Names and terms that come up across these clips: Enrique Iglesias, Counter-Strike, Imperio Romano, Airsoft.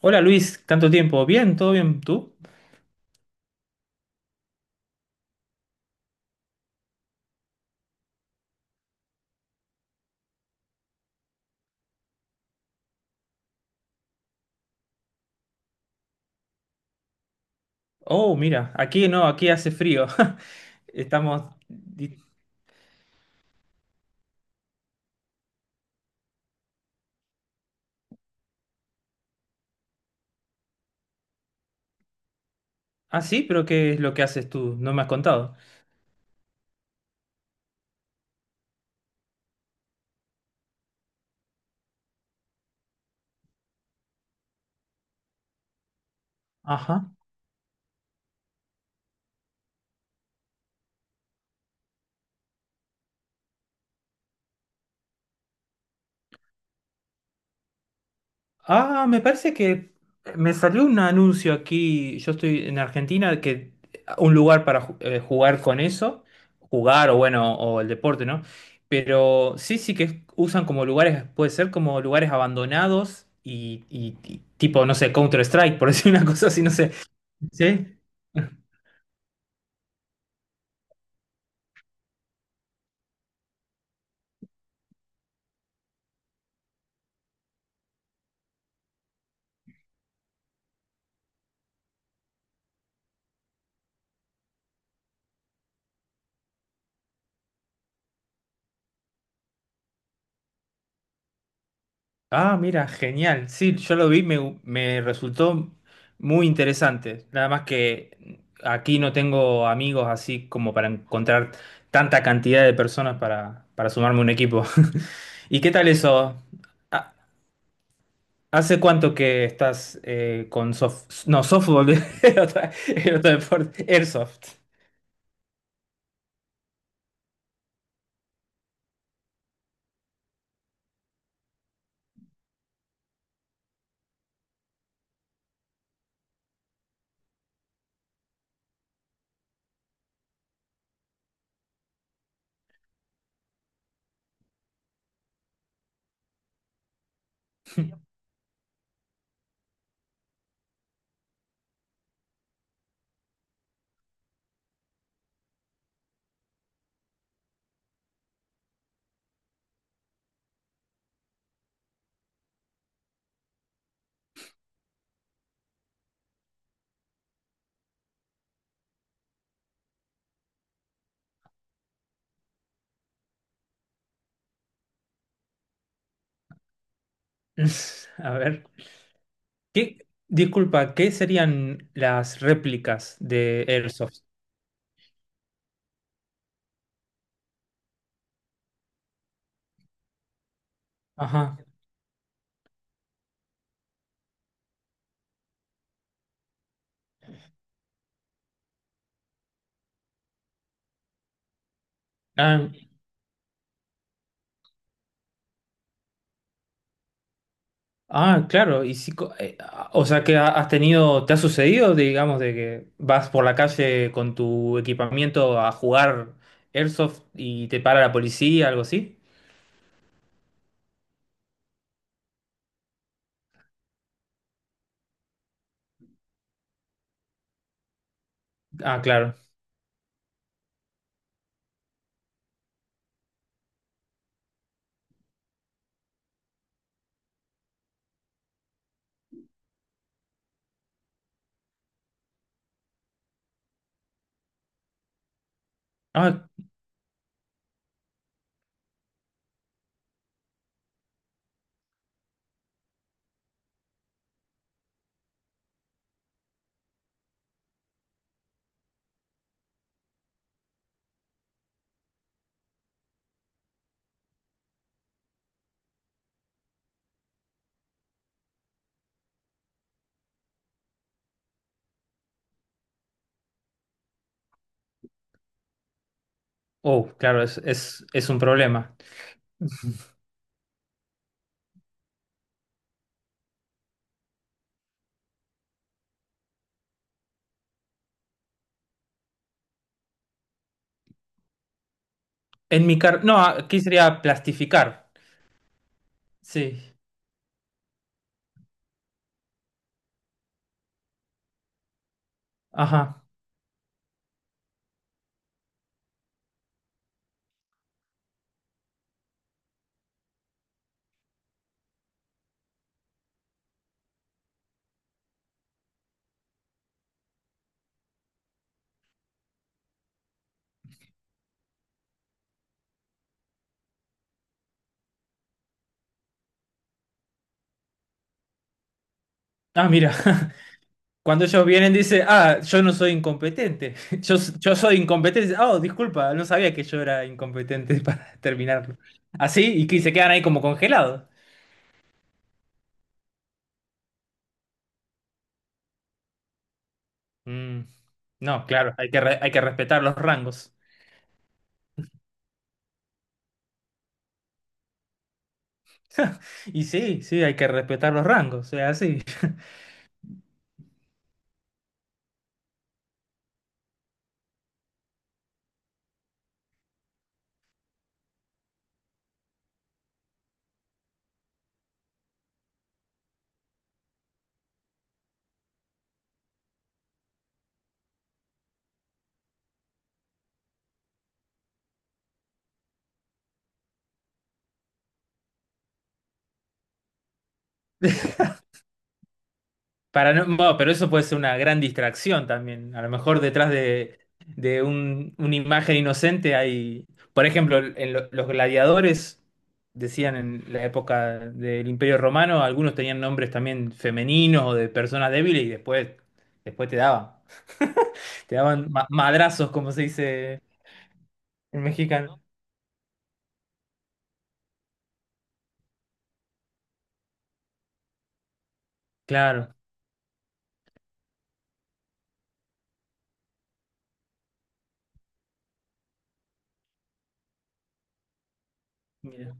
Hola Luis, tanto tiempo. Bien, todo bien, ¿tú? Oh, mira, aquí no, aquí hace frío. Estamos... di- Ah, sí, pero ¿qué es lo que haces tú? No me has contado. Ajá. Ah, me parece que me salió un anuncio aquí, yo estoy en Argentina, que un lugar para ju- jugar con eso, jugar o bueno, o el deporte, ¿no? Pero sí, sí que usan como lugares, puede ser como lugares abandonados y tipo, no sé, Counter-Strike, por decir una cosa así, no sé. ¿Sí? Ah, mira, genial. Sí, yo lo vi, me resultó muy interesante. Nada más que aquí no tengo amigos así como para encontrar tanta cantidad de personas para sumarme a un equipo. ¿Y qué tal eso? Ha- ¿Hace cuánto que estás con soft... No, softball, el otro, el otro deporte, Airsoft. A ver. ¿Qué, disculpa, ¿qué serían las réplicas de Airsoft? Ajá. Ah, Ah, claro, y si, co- ah, o sea que ha- has tenido, ¿te ha sucedido, digamos, de que vas por la calle con tu equipamiento a jugar Airsoft y te para la policía, algo así? Ah, claro. Ah, oh, claro, es un problema. En mi car, no, ah, aquí sería plastificar. Sí. Ajá. Ah, mira. Cuando ellos vienen, dice, ah, yo no soy incompetente. Yo soy incompetente. Dice, oh, disculpa, no sabía que yo era incompetente para terminarlo. Así, y que se quedan ahí como congelados. Mm, no, claro, hay que, re- hay que respetar los rangos. Y sí, sí, hay que respetar los rangos, es así. Para no, bueno, pero eso puede ser una gran distracción también. A lo mejor detrás de un- una imagen inocente hay, por ejemplo, en lo- los gladiadores, decían en la época del Imperio Romano, algunos tenían nombres también femeninos o de personas débiles y después, después te daban ma- madrazos, como se dice en mexicano. Claro, mira,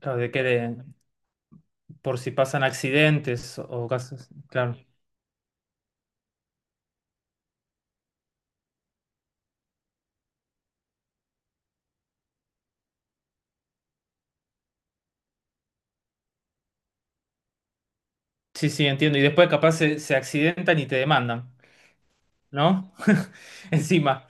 claro, de que de- por si pasan accidentes o casos, claro. Sí, sí, entiendo. Y después capaz se accidentan y te demandan. ¿No? Encima.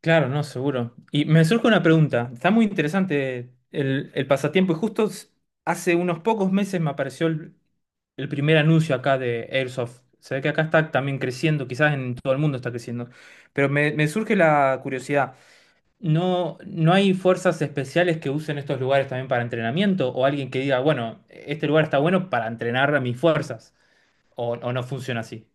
Claro, no, seguro. Y me surge una pregunta. Está muy interesante el pasatiempo. Y justo s- hace unos pocos meses me apareció el primer anuncio acá de Airsoft. Se ve que acá está también creciendo, quizás en todo el mundo está creciendo. Pero me surge la curiosidad. ¿No, no hay fuerzas especiales que usen estos lugares también para entrenamiento? ¿O alguien que diga, bueno, este lugar está bueno para entrenar a mis fuerzas? O no funciona así?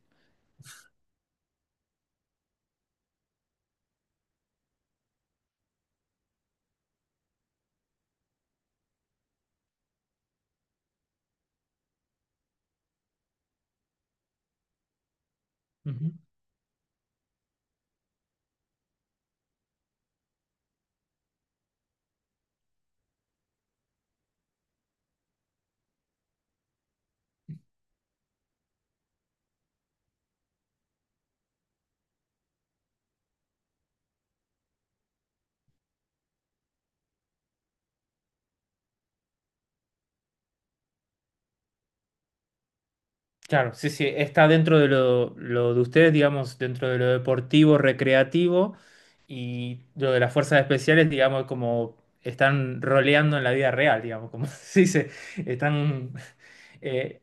Claro, sí, sí, está dentro de lo de ustedes, digamos, dentro de lo deportivo, recreativo y lo de las fuerzas especiales, digamos, como están roleando en la vida real, digamos, como se dice, están eh,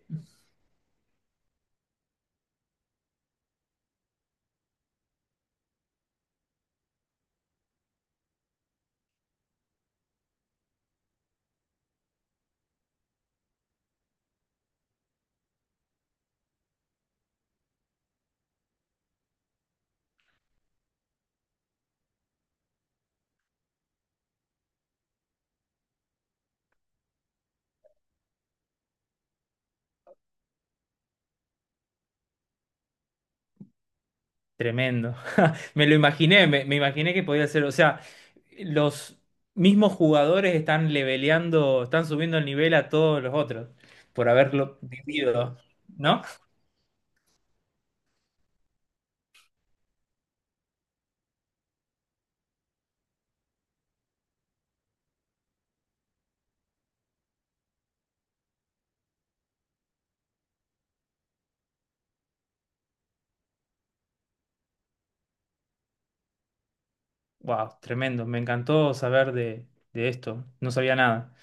tremendo. Me lo imaginé, me imaginé que podía ser, o sea, los mismos jugadores están leveleando, están subiendo el nivel a todos los otros por haberlo vivido, ¿no? Wow, tremendo, me encantó saber de esto, no sabía nada.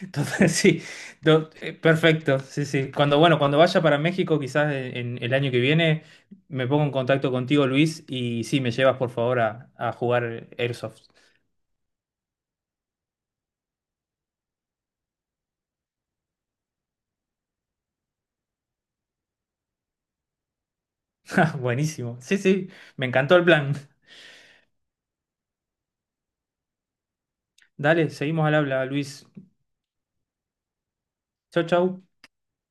Entonces, sí, do- perfecto, sí, sí. Cuando, bueno, cuando vaya para México, quizás en el año que viene, me pongo en contacto contigo, Luis, y sí, me llevas por favor a jugar Airsoft. Buenísimo. Sí, sí, me encantó el plan. Dale, seguimos al habla, Luis. Chau, chau.